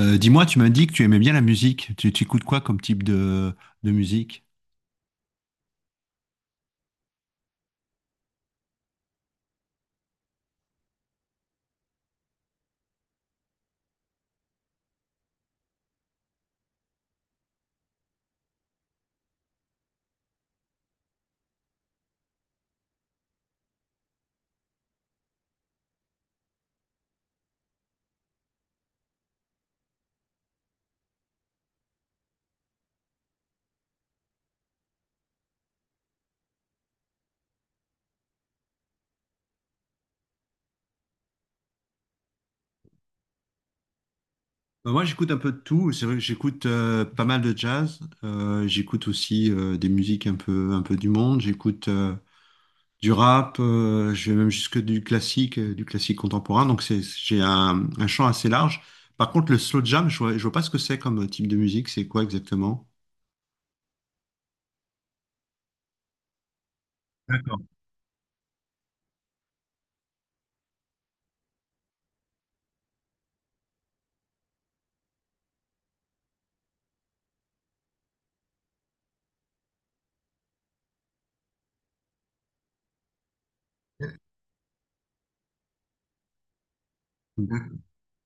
Dis-moi, tu m'as dit que tu aimais bien la musique. Tu écoutes quoi comme type de musique? Bah, moi, j'écoute un peu de tout. C'est vrai que j'écoute pas mal de jazz. J'écoute aussi des musiques un peu du monde. J'écoute du rap. Je vais même jusque du classique contemporain. Donc, j'ai un champ assez large. Par contre, le slow jam, je vois pas ce que c'est comme type de musique. C'est quoi exactement? D'accord.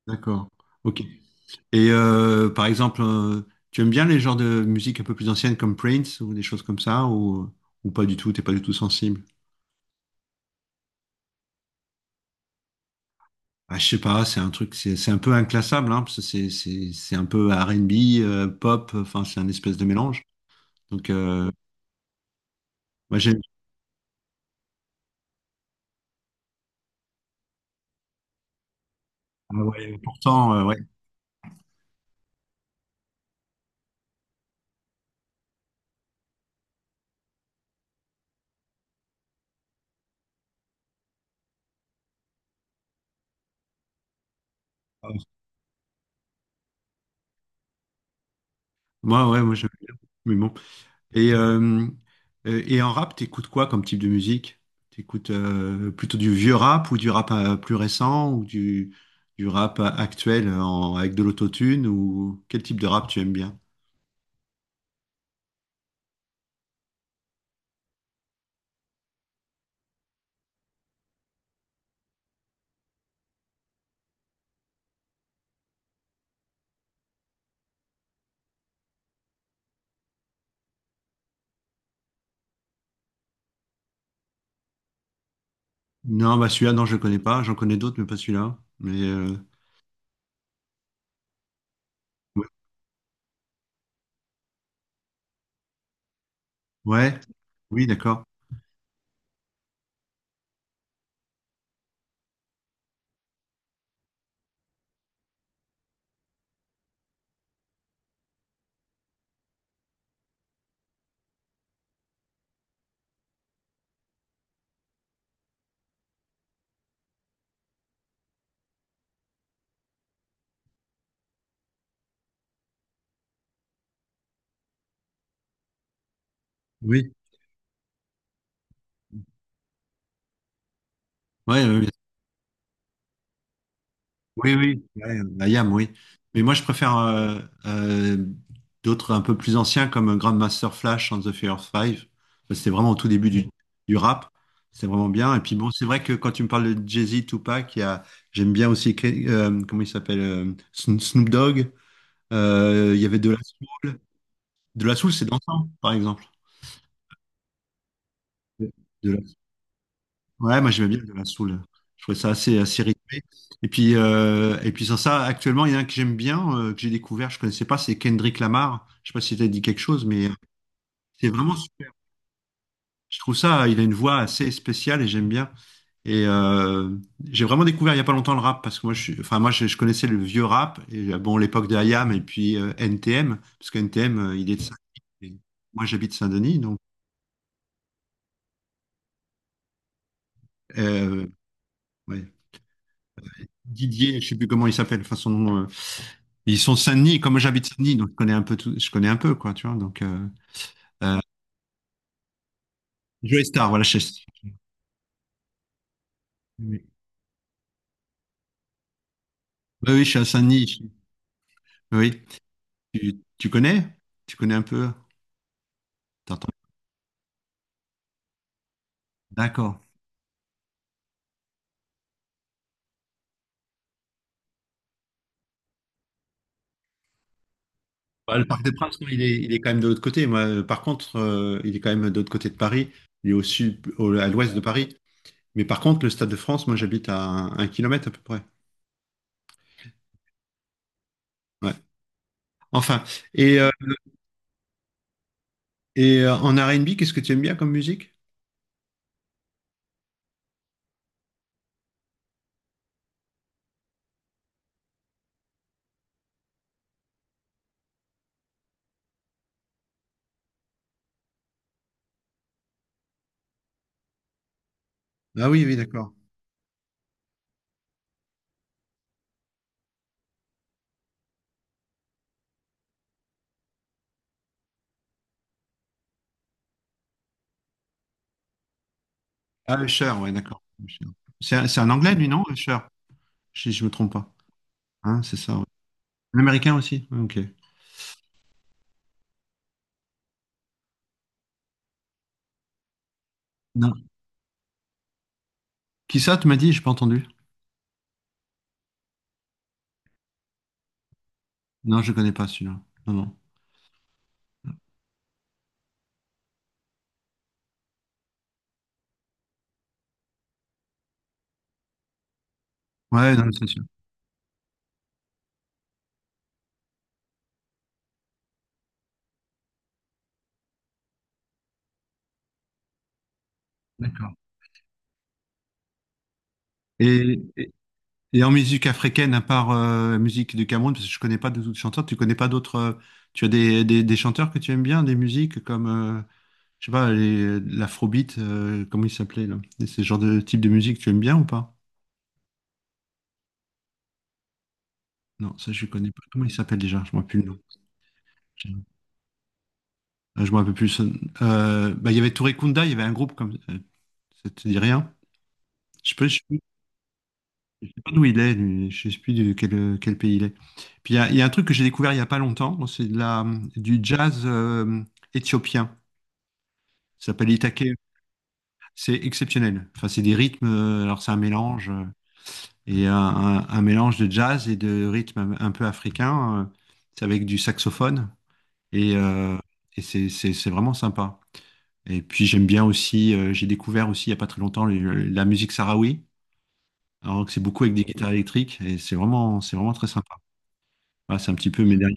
D'accord. Ok. Et par exemple, tu aimes bien les genres de musique un peu plus anciennes comme Prince ou des choses comme ça ou pas du tout, t'es pas du tout sensible? Ah, je sais pas, c'est un truc, c'est un peu inclassable, hein, parce que c'est un peu R&B, pop, enfin c'est un espèce de mélange. Donc moi j'aime, ah ouais, pourtant ouais, moi j'aime bien, mais bon. Et, euh, et en rap, t'écoutes quoi comme type de musique? T'écoutes plutôt du vieux rap ou du rap plus récent ou du rap actuel avec de l'autotune ou quel type de rap tu aimes bien? Non, bah celui-là, non, je le connais pas. J'en connais d'autres, mais pas celui-là. Mais ouais, ouais. Oui, d'accord. Oui, ouais, bien Oui, oui, ouais, la YAM, oui. Mais moi, je préfère euh, d'autres un peu plus anciens comme Grandmaster Flash and the Furious Five. C'était vraiment au tout début du rap. C'est vraiment bien. Et puis bon, c'est vrai que quand tu me parles de Jay-Z, Tupac, j'aime bien aussi, comment il s'appelle, Snoop Dogg. Il y avait De La Soul. De La Soul, c'est dansant, par exemple. De Ouais, moi j'aimais bien de la soul. Je trouvais ça assez rythmé. Et puis sans ça, actuellement, il y en a un que j'aime bien, que j'ai découvert, je connaissais pas, c'est Kendrick Lamar. Je sais pas si t'as dit quelque chose, mais c'est vraiment super. Je trouve ça, il a une voix assez spéciale et j'aime bien. Et j'ai vraiment découvert il y a pas longtemps le rap parce que moi, enfin moi, je connaissais le vieux rap et bon l'époque de IAM et puis NTM parce que NTM, il est de Saint-Denis. Et moi, j'habite Saint-Denis, donc euh, ouais. Didier, je ne sais plus comment il s'appelle, enfin son nom. Ils sont de Saint-Denis, comme j'habite Saint-Denis, donc je connais un peu tout, je connais un peu, quoi, tu vois. Donc, euh, Joey Star, voilà, Oui, oui, je suis à Saint-Denis. Oui. Tu connais? Tu connais un peu? T'entends? D'accord. Bah, le Parc des Princes, non, il est quand même de l'autre côté. Moi, par contre, il est quand même de l'autre côté de Paris. Il est au sud, à l'ouest de Paris. Mais par contre, le Stade de France, moi, j'habite à un kilomètre à peu près. Ouais. Enfin, et, euh, et en R&B, qu'est-ce que tu aimes bien comme musique? Ah oui, oui, d'accord. Ah, Usher, ouais, d'accord. Usher. C'est un anglais, lui, non? Usher, si je me trompe pas. Hein, c'est ça, ouais. Un Américain aussi? Ouais, ok. Non. Qui ça, tu m'as dit? J'ai pas entendu. Non, je connais pas celui-là. Non, non. Ouais, non, c'est sûr. D'accord. Et, et, et en musique africaine, à part la musique du Cameroun, parce que je connais pas d'autres chanteurs, tu connais pas d'autres. Tu as des chanteurs que tu aimes bien, des musiques comme. Je sais pas, l'afrobeat, comment il s'appelait là? Et c'est le genre de type de musique tu aimes bien ou pas? Non, ça je connais pas. Comment il s'appelle déjà? Je m'en rappelle plus le nom. Ah, je m'en rappelle plus. Bah, il y avait Touré Kunda, il y avait un groupe comme ça. Te dit rien? Je peux, je, je sais pas d'où il est, lui. Je sais plus de quel pays il est. Puis il y a un truc que j'ai découvert il y a pas longtemps. Bon, c'est du jazz éthiopien. Ça s'appelle Itaké. C'est exceptionnel. Enfin, c'est des rythmes. Alors c'est un mélange. Et un mélange de jazz et de rythme un peu africain. C'est avec du saxophone et, euh, et c'est vraiment sympa. Et puis j'aime bien aussi, j'ai découvert aussi il n'y a pas très longtemps la musique sahraoui, alors que c'est beaucoup avec des guitares électriques et c'est vraiment très sympa. Voilà, c'est un petit peu mes derniers.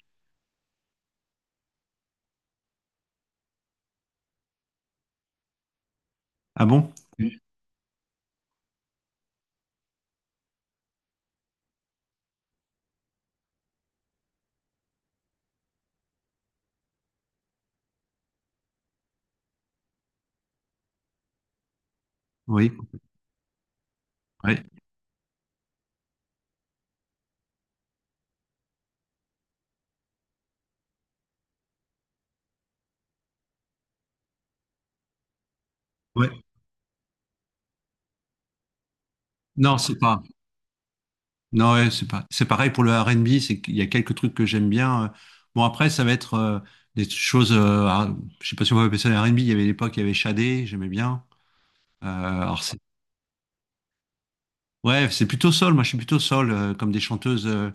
Ah bon? Oui. Ouais. Ouais. Non, c'est pas. Non, ouais, c'est pas, c'est pareil pour le R&B, c'est qu'il y a quelques trucs que j'aime bien. Bon, après, ça va être des choses, ah, je sais pas si on va appeler ça le R&B, il y avait l'époque, il y avait Shadé, j'aimais bien. Alors ouais, c'est plutôt soul, moi je suis plutôt soul, comme des chanteuses, euh,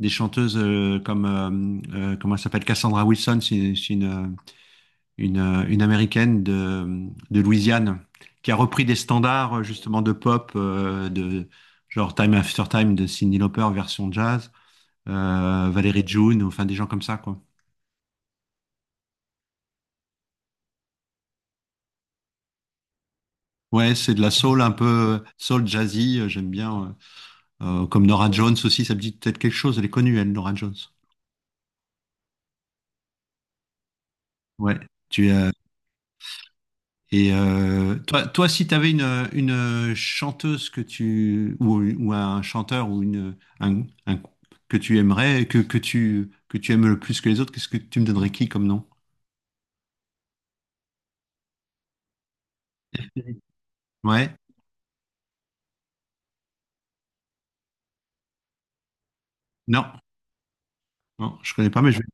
des chanteuses euh, comme, comment elle s'appelle, Cassandra Wilson, c'est une Américaine de Louisiane, qui a repris des standards justement de pop, de genre Time After Time de Cyndi Lauper version jazz. Valérie June, enfin des gens comme ça, quoi. Ouais, c'est de la soul un peu soul jazzy, j'aime bien. Comme Nora Jones aussi, ça me dit peut-être quelque chose. Elle est connue, elle, Nora Jones. Ouais. Tu et toi, si t'avais une chanteuse que ou un chanteur ou une un- que tu aimerais que tu aimes le plus que les autres, qu'est-ce que tu me donnerais qui comme nom? Ouais. Non, non, je connais pas, mais je vais.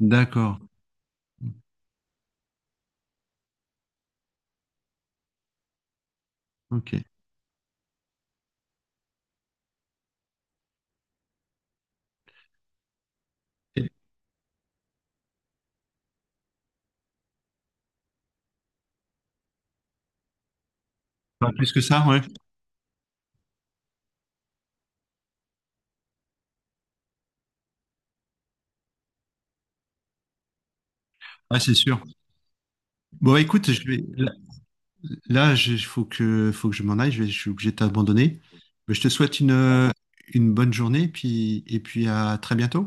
D'accord. Ok. Et Pas plus que ça, ouais. Ouais, c'est sûr. Bon, écoute, je vais. Là, il faut que je m'en aille, je suis obligé de t'abandonner. Mais je te souhaite une bonne journée et puis à très bientôt.